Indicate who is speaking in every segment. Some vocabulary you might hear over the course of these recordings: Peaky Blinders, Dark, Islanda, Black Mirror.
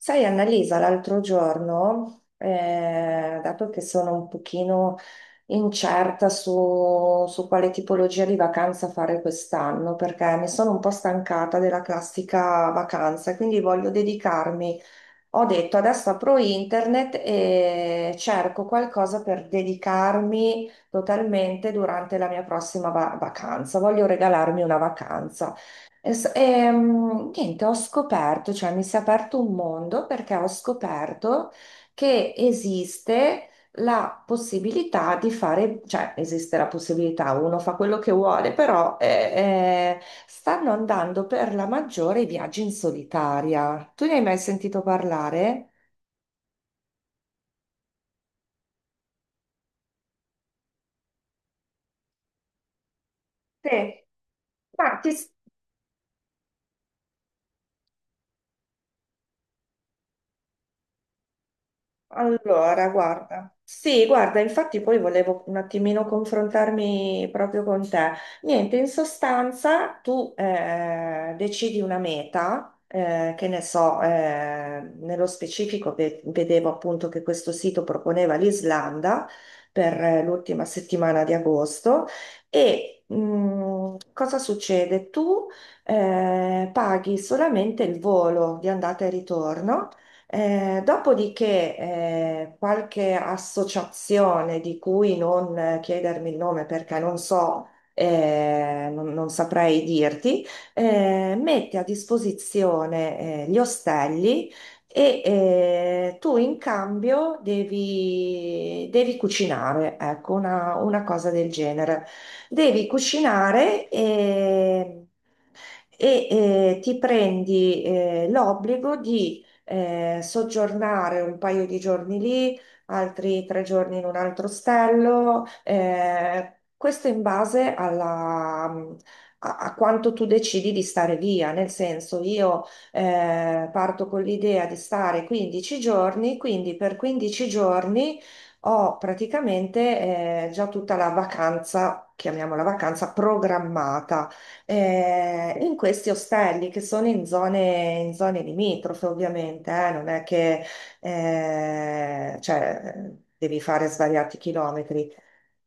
Speaker 1: Sai, Annalisa, l'altro giorno, dato che sono un pochino incerta su quale tipologia di vacanza fare quest'anno, perché mi sono un po' stancata della classica vacanza, quindi voglio dedicarmi, ho detto, adesso apro internet e cerco qualcosa per dedicarmi totalmente durante la mia prossima vacanza. Voglio regalarmi una vacanza. Niente, ho scoperto, cioè mi si è aperto un mondo perché ho scoperto che esiste la possibilità di fare, cioè esiste la possibilità, uno fa quello che vuole, però stanno andando per la maggiore i viaggi in solitaria. Tu ne hai mai sentito parlare? Sì. Ma ti, allora, guarda, sì, guarda, infatti poi volevo un attimino confrontarmi proprio con te. Niente, in sostanza tu decidi una meta, che ne so, nello specifico vedevo appunto che questo sito proponeva l'Islanda per l'ultima settimana di agosto e cosa succede? Tu paghi solamente il volo di andata e ritorno, dopodiché, qualche associazione di cui non, chiedermi il nome perché non so, non saprei dirti, mette a disposizione gli ostelli e, tu in cambio devi cucinare, ecco, una cosa del genere. Devi cucinare e, e ti prendi l'obbligo di soggiornare un paio di giorni lì, altri tre giorni in un altro ostello, questo in base a, a quanto tu decidi di stare via, nel senso io parto con l'idea di stare 15 giorni, quindi per 15 giorni ho praticamente già tutta la vacanza, chiamiamola vacanza, programmata in questi ostelli che sono in zone limitrofe, ovviamente, non è che devi fare svariati chilometri.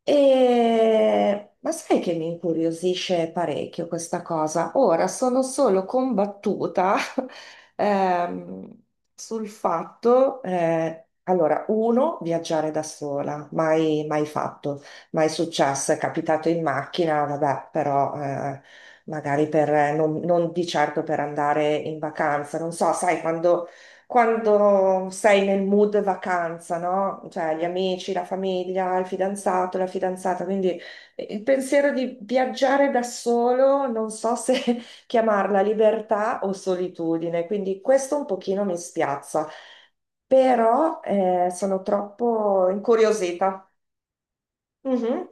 Speaker 1: Ma sai che mi incuriosisce parecchio questa cosa? Ora sono solo combattuta, ehm, sul fatto, allora, uno, viaggiare da sola, mai, mai fatto, mai successo, è capitato in macchina, vabbè, però magari per, non, non di certo per andare in vacanza, non so, sai, quando, quando sei nel mood vacanza, no? Cioè gli amici, la famiglia, il fidanzato, la fidanzata, quindi il pensiero di viaggiare da solo, non so se chiamarla libertà o solitudine, quindi questo un pochino mi spiazza, però sono troppo incuriosita. Mhm.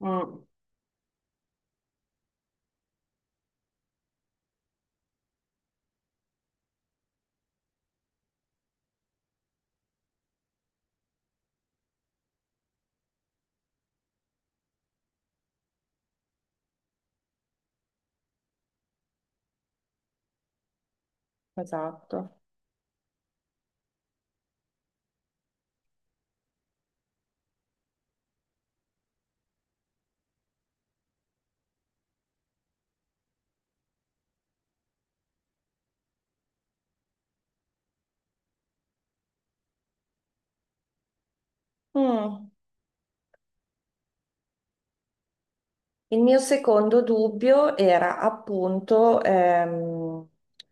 Speaker 1: Mm. Esatto. Mm. Il mio secondo dubbio era appunto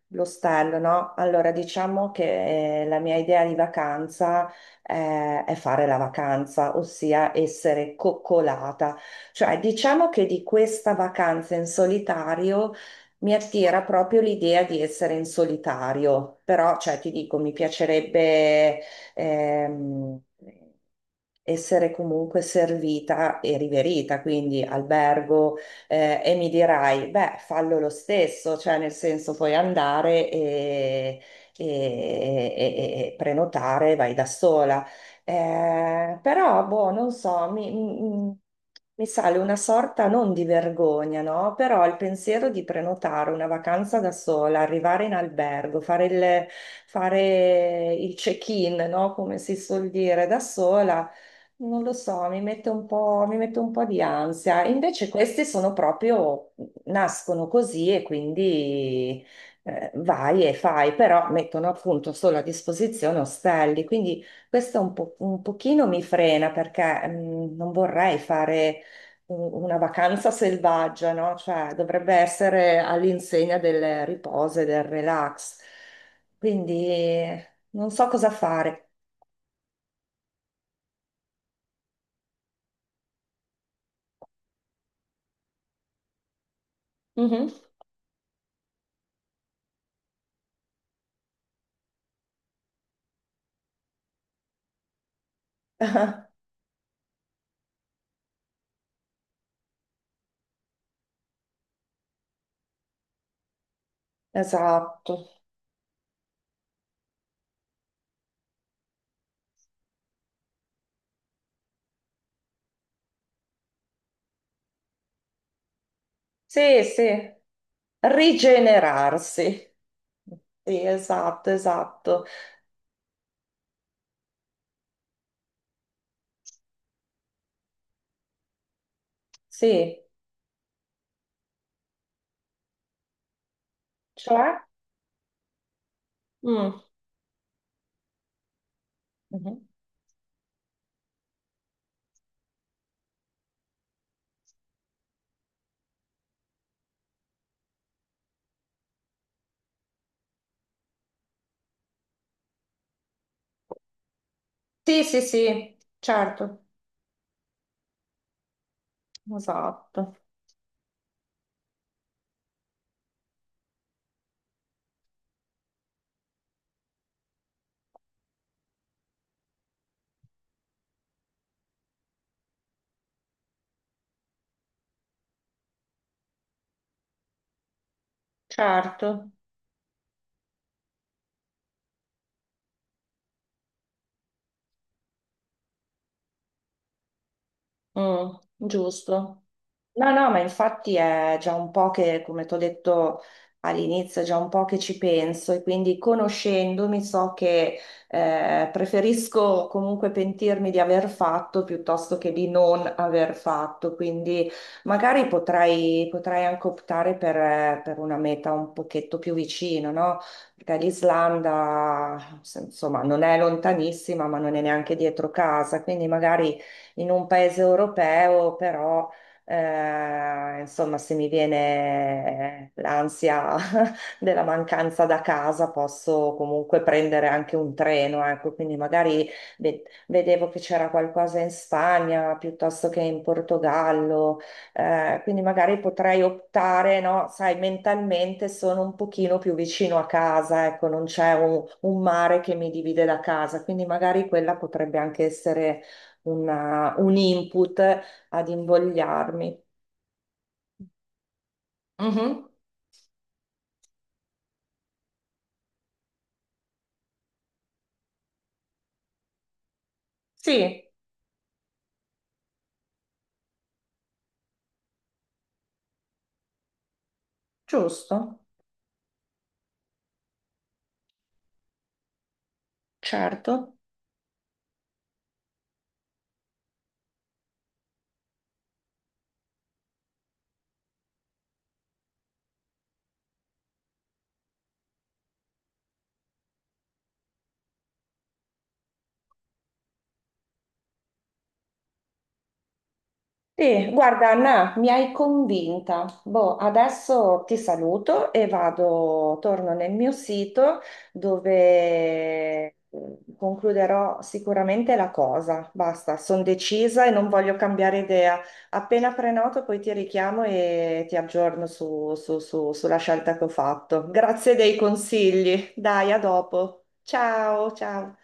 Speaker 1: l'ostello, no? Allora, diciamo che la mia idea di vacanza è fare la vacanza, ossia essere coccolata. Cioè, diciamo che di questa vacanza in solitario mi attira proprio l'idea di essere in solitario, però, cioè, ti dico, mi piacerebbe ehm, essere comunque servita e riverita, quindi albergo, e mi dirai, beh, fallo lo stesso, cioè nel senso puoi andare e, e prenotare, vai da sola. Però, boh, non so, mi sale una sorta non di vergogna, no? Però il pensiero di prenotare una vacanza da sola, arrivare in albergo, fare il check-in, no? Come si suol dire, da sola, non lo so, mi mette un po' di ansia. Invece questi sono proprio, nascono così e quindi vai e fai, però mettono appunto solo a disposizione ostelli, quindi un pochino mi frena perché non vorrei fare una vacanza selvaggia, no? Cioè, dovrebbe essere all'insegna del riposo e del relax. Quindi non so cosa fare. Mhm. Esatto. Sì, sì. Rigenerarsi. Sì, esatto, esatto. Sì. Cioè? Mm. Mhm. Sì, sì, sì, certo. Esatto. Certo. Mm, giusto. No, no, ma infatti è già un po' che, come ti ho detto all'inizio, è già un po' che ci penso e quindi conoscendomi so che preferisco comunque pentirmi di aver fatto piuttosto che di non aver fatto, quindi magari potrei anche optare per una meta un pochetto più vicina, no? Perché l'Islanda, insomma, non è lontanissima, ma non è neanche dietro casa, quindi magari in un paese europeo, però insomma, se mi viene l'ansia della mancanza da casa, posso comunque prendere anche un treno, ecco, quindi magari vedevo che c'era qualcosa in Spagna piuttosto che in Portogallo, quindi magari potrei optare, no? Sai, mentalmente sono un pochino più vicino a casa, ecco, non c'è un mare che mi divide da casa, quindi magari quella potrebbe anche essere un input ad invogliarmi. Mhm. Sì, giusto, certo. Sì, guarda Anna, mi hai convinta. Boh, adesso ti saluto e vado, torno nel mio sito dove concluderò sicuramente la cosa. Basta, sono decisa e non voglio cambiare idea. Appena prenoto, poi ti richiamo e ti aggiorno sulla scelta che ho fatto. Grazie dei consigli. Dai, a dopo. Ciao, ciao.